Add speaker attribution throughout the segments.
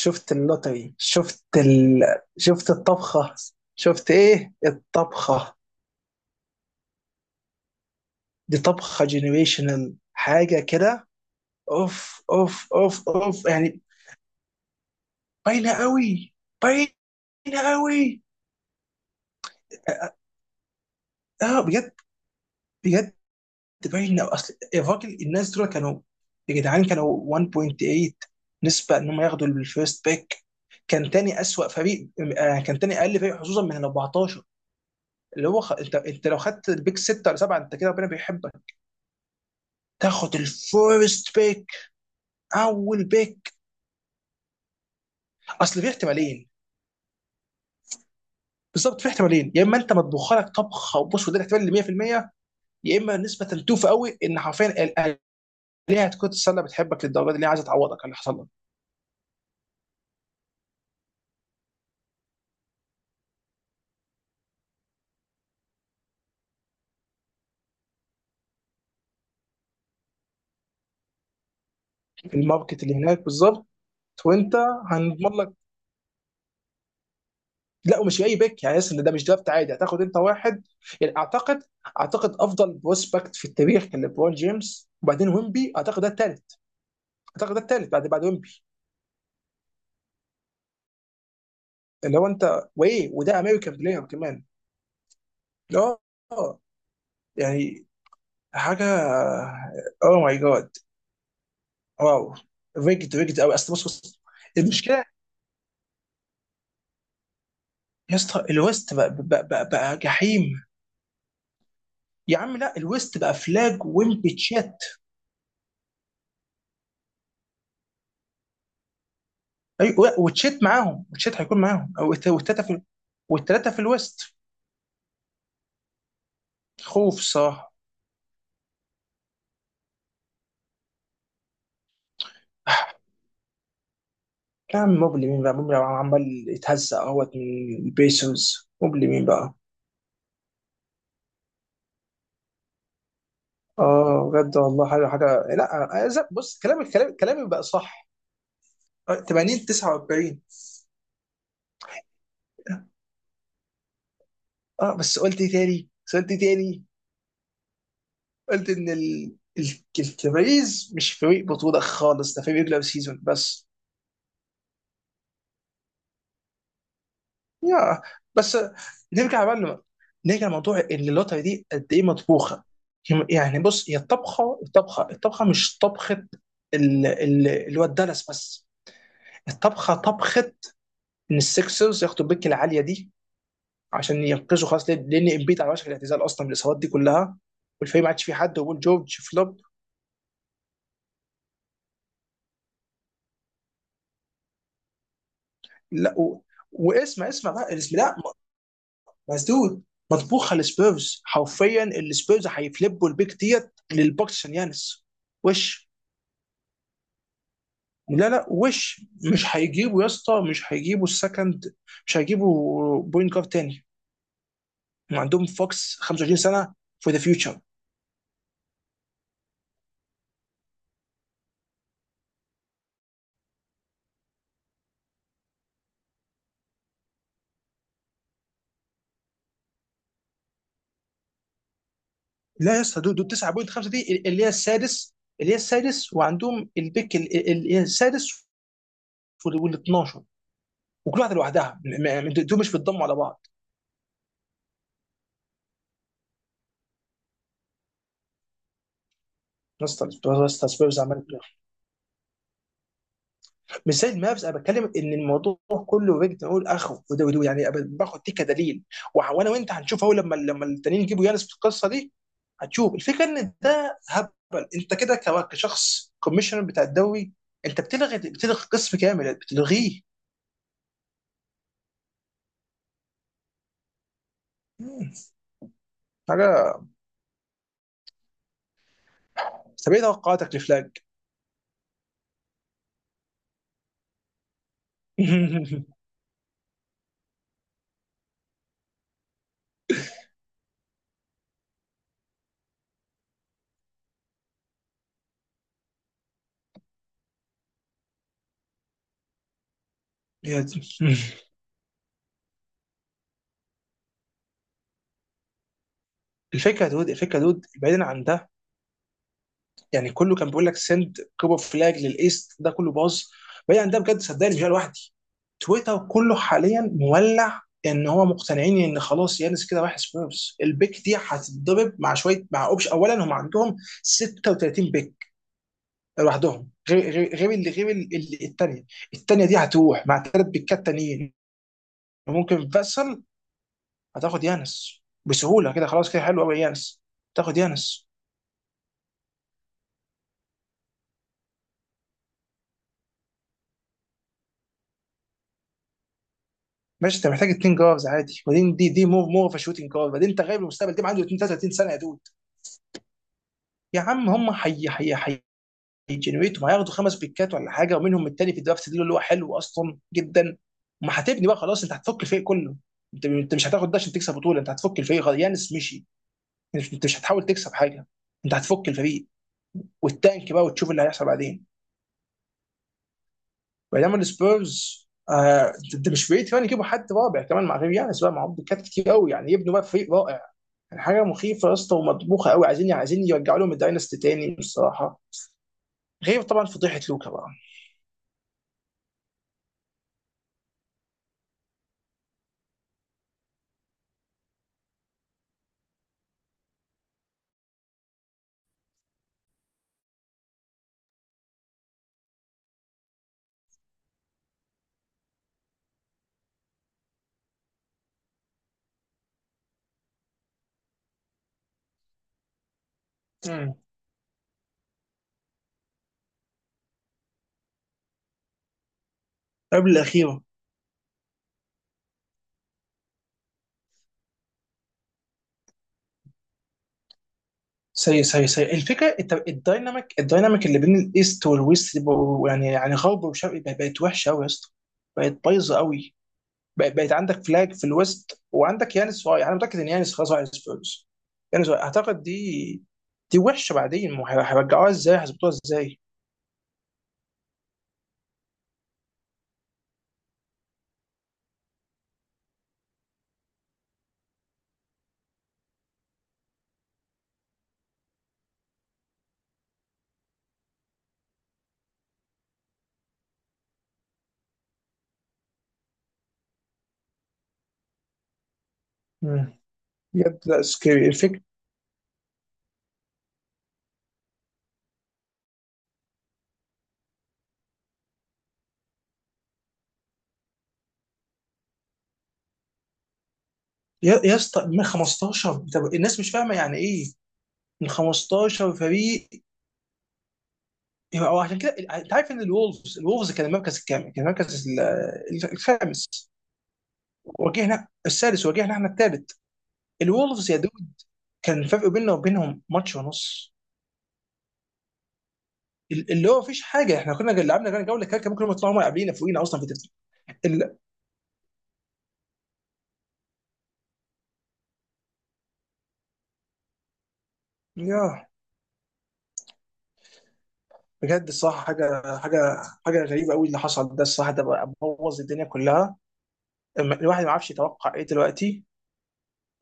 Speaker 1: شفت اللوتري، شفت شفت الطبخة. شفت ايه الطبخة؟ دي طبخة جينيريشنال حاجة كده. اوف اوف اوف اوف يعني. باينة قوي باينة قوي. اه، آه، بجد. بجد باينة. اصل الراجل، الناس دول كانوا يا جدعان كانوا 1.8 نسبة ان هم ياخدوا الفيرست بيك. كان تاني اسوأ فريق. آه، كان تاني اقل فريق حظوظا من ال 14. انت لو خدت البيك 6 ولا 7 انت كده ربنا بيحبك. تاخد الفيرست بيك، اول بيك. اصل في احتمالين، بالظبط في احتمالين. يا اما انت مطبوخ لك طبخه، وبص وده الاحتمال اللي 100%، يا اما نسبه توفى قوي ان حرفيا الالهه تكون السله بتحبك للدرجه دي، اللي هي عايزه تعوضك على اللي حصل لك. الماركت اللي هناك بالظبط. وانت هنضمن لك. لا ومش اي بيك يعني، ان ده مش درافت عادي، هتاخد انت واحد. يعني اعتقد، اعتقد افضل بروسبكت في التاريخ كان ليبرون جيمس وبعدين ويمبي. اعتقد ده الثالث، اعتقد ده الثالث بعد ويمبي. اللي هو انت وايه، وده امريكان بلاير كمان. اه، آه. يعني حاجه، اوه ماي جاد، واو. رجت قوي. اصل بص. المشكله يا اسطى الويست بقى جحيم. يا عم لا، الويست بقى فلاج ويمب تشات. ايوه، وتشات معاهم، وتشات هيكون معاهم، أو والتلاته في، والتلاته في الويست. خوف، صح. يا عم موبلي مين بقى؟ موبلي عمال يتهزق اهوت من البيسرز، موبلي مين بقى؟ اه بجد والله حاجه حاجه. لا بص، كلامك كلام، كلامي بقى صح. اه 80 49. اه، بس قلت إيه تاني؟ بس قلت إيه تاني؟ قلت ان الكباريز مش فريق بطولة خالص، ده فريق ريجلر سيزون بس. يا بس، نرجع بقى نرجع لموضوع ان اللوتري دي قد ايه مطبوخة. يعني بص، هي الطبخة، الطبخة، الطبخة مش طبخة اللي هو الدالاس بس. الطبخة طبخة ان السكسرز ياخدوا البيك العالية دي عشان ينقذوا خلاص، لأن امبيد على وشك الاعتزال اصلا بالاصابات دي كلها، والفريق ما عادش فيه حد، وبول جورج فلوب. لا و... واسمع، اسمع بقى الاسم ده، مسدود. مطبوخه للسبيرز، حرفيا السبيرز هيفلبوا البيك ديت للبوكس عشان يانس. وش، لا وش. مش هيجيبوا يا اسطى، مش هيجيبوا السكند، مش هيجيبوا بوينت جارد تاني. وعندهم فوكس 25 سنه فور ذا فيوتشر. لا يا اسطى، دول 9.5، دي اللي هي السادس، اللي هي السادس، وعندهم البيك اللي هي السادس وال 12، وكل واحده لوحدها. دول مش بيتضموا على بعض. يا اسطى، يا اسطى سبيرز عملت. مش زي المابس، انا بتكلم ان الموضوع كله وجد نقول اخو، وده وده يعني أبقى باخد دي كدليل. وانا وانت هنشوف اهو، لما التانيين يجيبوا يانس في القصه دي هتشوف الفكره ان ده هبل. انت كده كشخص كوميشنر بتاع الدوري، انت بتلغي، بتلغي قسم كامل بتلغيه. حاجه. طب ايه توقعاتك لفلاج؟ يا دي. الفكره يا دود، الفكره يا دود بعيدا عن ده، يعني كله كان بيقول لك سند كوبر فلاج للايست، ده كله باظ. بعيد عن ده، بجد صدقني مش أنا لوحدي، تويتر كله حاليا مولع، ان هو مقتنعين ان خلاص يانس كده راح سبيرز، البيك دي هتتضرب مع شويه مع اوبش. اولا هم عندهم 36 بيك لوحدهم، غير غير اللي، التانيه، التانيه دي هتروح مع ثلاث بيكات تانيين وممكن فاسل، هتاخد يانس بسهوله كده، خلاص كده حلو قوي يانس، تاخد يانس. ماشي، انت محتاج اتنين جارز عادي، وبعدين دي، دي مور اوف شوتنج جارد، بعدين انت غايب للمستقبل، دي عنده 32 سنه يا دود. يا عم هم حي حي حي، هيجنريتوا، هياخدوا خمس بيكات ولا حاجه، ومنهم التاني في الدرافت دي اللي هو حلو اصلا جدا. ما هتبني بقى خلاص، انت هتفك الفريق كله. انت مش هتاخد ده عشان تكسب بطوله، انت هتفك الفريق، خلاص يانس مشي. انت مش هتحاول تكسب حاجه، انت هتفك الفريق، والتانك بقى، وتشوف اللي هيحصل بعدين. بينما السبيرز آه، انت مش بعيد كمان يجيبوا حد رابع كمان مع غير يانس، بقى معاهم بيكات كتير قوي، يعني يبنوا بقى فريق رائع. يعني حاجه مخيفه يا اسطى، ومطبوخه قوي، عايزين يرجعوا لهم الدايناستي تاني الصراحه، غير طبعا فضيحه لوكا بقى. مم. قبل الاخيره. سيء الفكره. انت الدايناميك، الدايناميك اللي بين الايست والويست دي يعني يعني غرب وشرق، بقت وحشه قوي يا اسطى، بقت بايظه قوي. بقت عندك فلاج في الويست، وعندك يانس رايح، انا متاكد ان يانس خلاص رايح السبيرز. يانس رايح. اعتقد دي، دي وحشه. بعدين ما هيرجعوها ازاي؟ هيظبطوها ازاي؟ مم. بجد لا، سكيري الفكره. يا اسطى من 15، طب الناس مش فاهمه يعني ايه من 15 فريق؟ او عشان كده، انت عارف ان الولفز، الولفز كان المركز الكام؟ كان المركز الخامس. واجهنا السادس، واجهنا احنا الثالث. الولفز يا دود، كان الفرق بيننا وبينهم ماتش ونص. اللي هو مفيش حاجه، احنا كنا لعبنا كان جوله كده، كان ممكن هم يطلعوا هم قبلينا، فوقينا اصلا في الترتيب. ال- يا بجد الصراحه، حاجه حاجه، حاجه غريبه قوي اللي حصل ده الصراحه، ده بوظ الدنيا كلها. الواحد ما عرفش يتوقع ايه دلوقتي.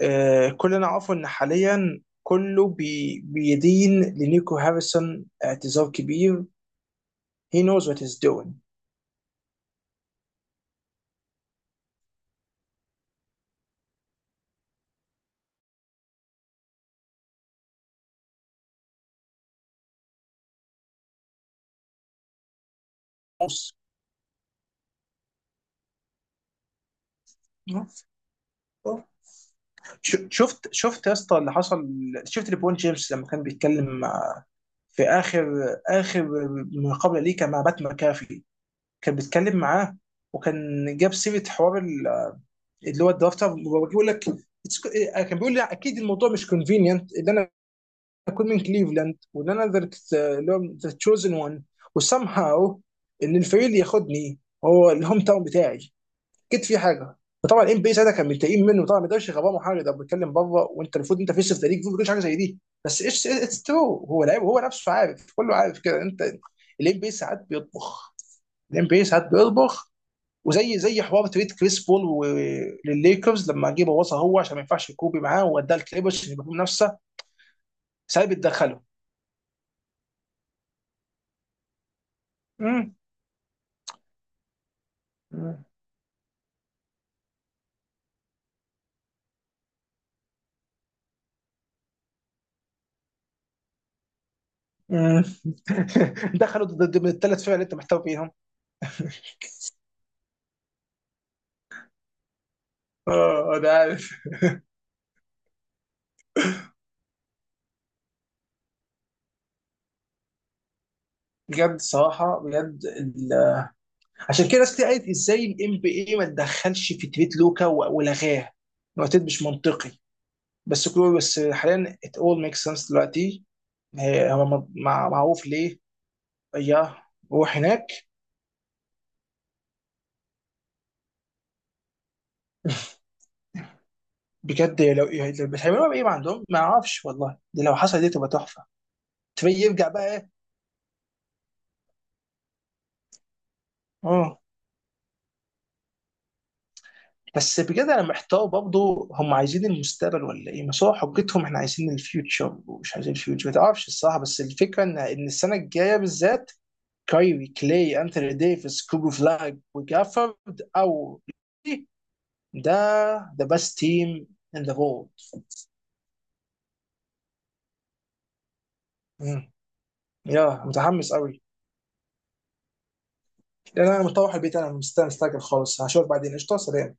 Speaker 1: آه، كلنا عارفه ان حاليا كله بي بيدين لنيكو هاريسون اعتذار كبير. He knows what he's doing. شفت، شفت يا اسطى اللي حصل. شفت ليبرون جيمس لما كان بيتكلم مع، في اخر، اخر مقابله ليه، كان مع بات مكافي، كان بيتكلم معاه، وكان جاب سيره حوار اللي هو الدرافت، بيقول لك: "It's- كان بيقول لي اكيد الموضوع مش كونفينينت اللي انا اكون من كليفلاند، وان انا ذا، اللي هو ذا تشوزن وان، وسام هاو ان الفريق اللي ياخدني هو الهوم تاون بتاعي، اكيد في حاجه." فطبعا الام بي ساعتها كان متضايقين منه طبعا، ما يقدرش يغباه حاجه، ده بيتكلم بره، وانت المفروض انت فيس اوف ذا ليج، المفروض ما تقولش حاجه زي دي. بس ايش اتس ترو، هو لعيب، هو نفسه عارف، كله عارف كده. انت الام بي ساعات بيطبخ، الام بي ساعات بيطبخ. وزي حوار تريد كريس بول للليكرز لما جه بوظها هو عشان ما ينفعش كوبي معاه، ووداه الكليبرز عشان يبقى في منافسه. ساعات بيتدخلوا. مم. مم. دخلوا بالثلاث فرق اللي انت محتوى فيهم. اه ده عارف. بجد صراحه، بجد عشان كده ناس كتير قالت ازاي الام بي اي ما تدخلش في تريت لوكا ولغاه الوقتين، مش منطقي. بس كله، بس حاليا it all makes sense دلوقتي. معروف ليه. يا روح هناك. بجد لو بس هيعملوها بايه؟ ما عندهم، ما اعرفش والله، دي لو حصل دي تبقى تحفه. تبي يرجع بقى إيه؟ اه. بس بجد انا محتار برضه، هم عايزين المستقبل ولا ايه؟ بس هو حجتهم احنا عايزين الفيوتشر ومش عايزين الفيوتشر، ما تعرفش الصراحه. بس الفكره ان ان السنه الجايه بالذات كايري، كلاي، انثوني ديفيس، كوبو فلاج، وجافورد، او ده ذا بيست تيم ان ذا وورلد. يا متحمس قوي. لان انا مطوح البيت، انا مستني، مستعجل خالص، هشوفك بعدين، قشطه سلام.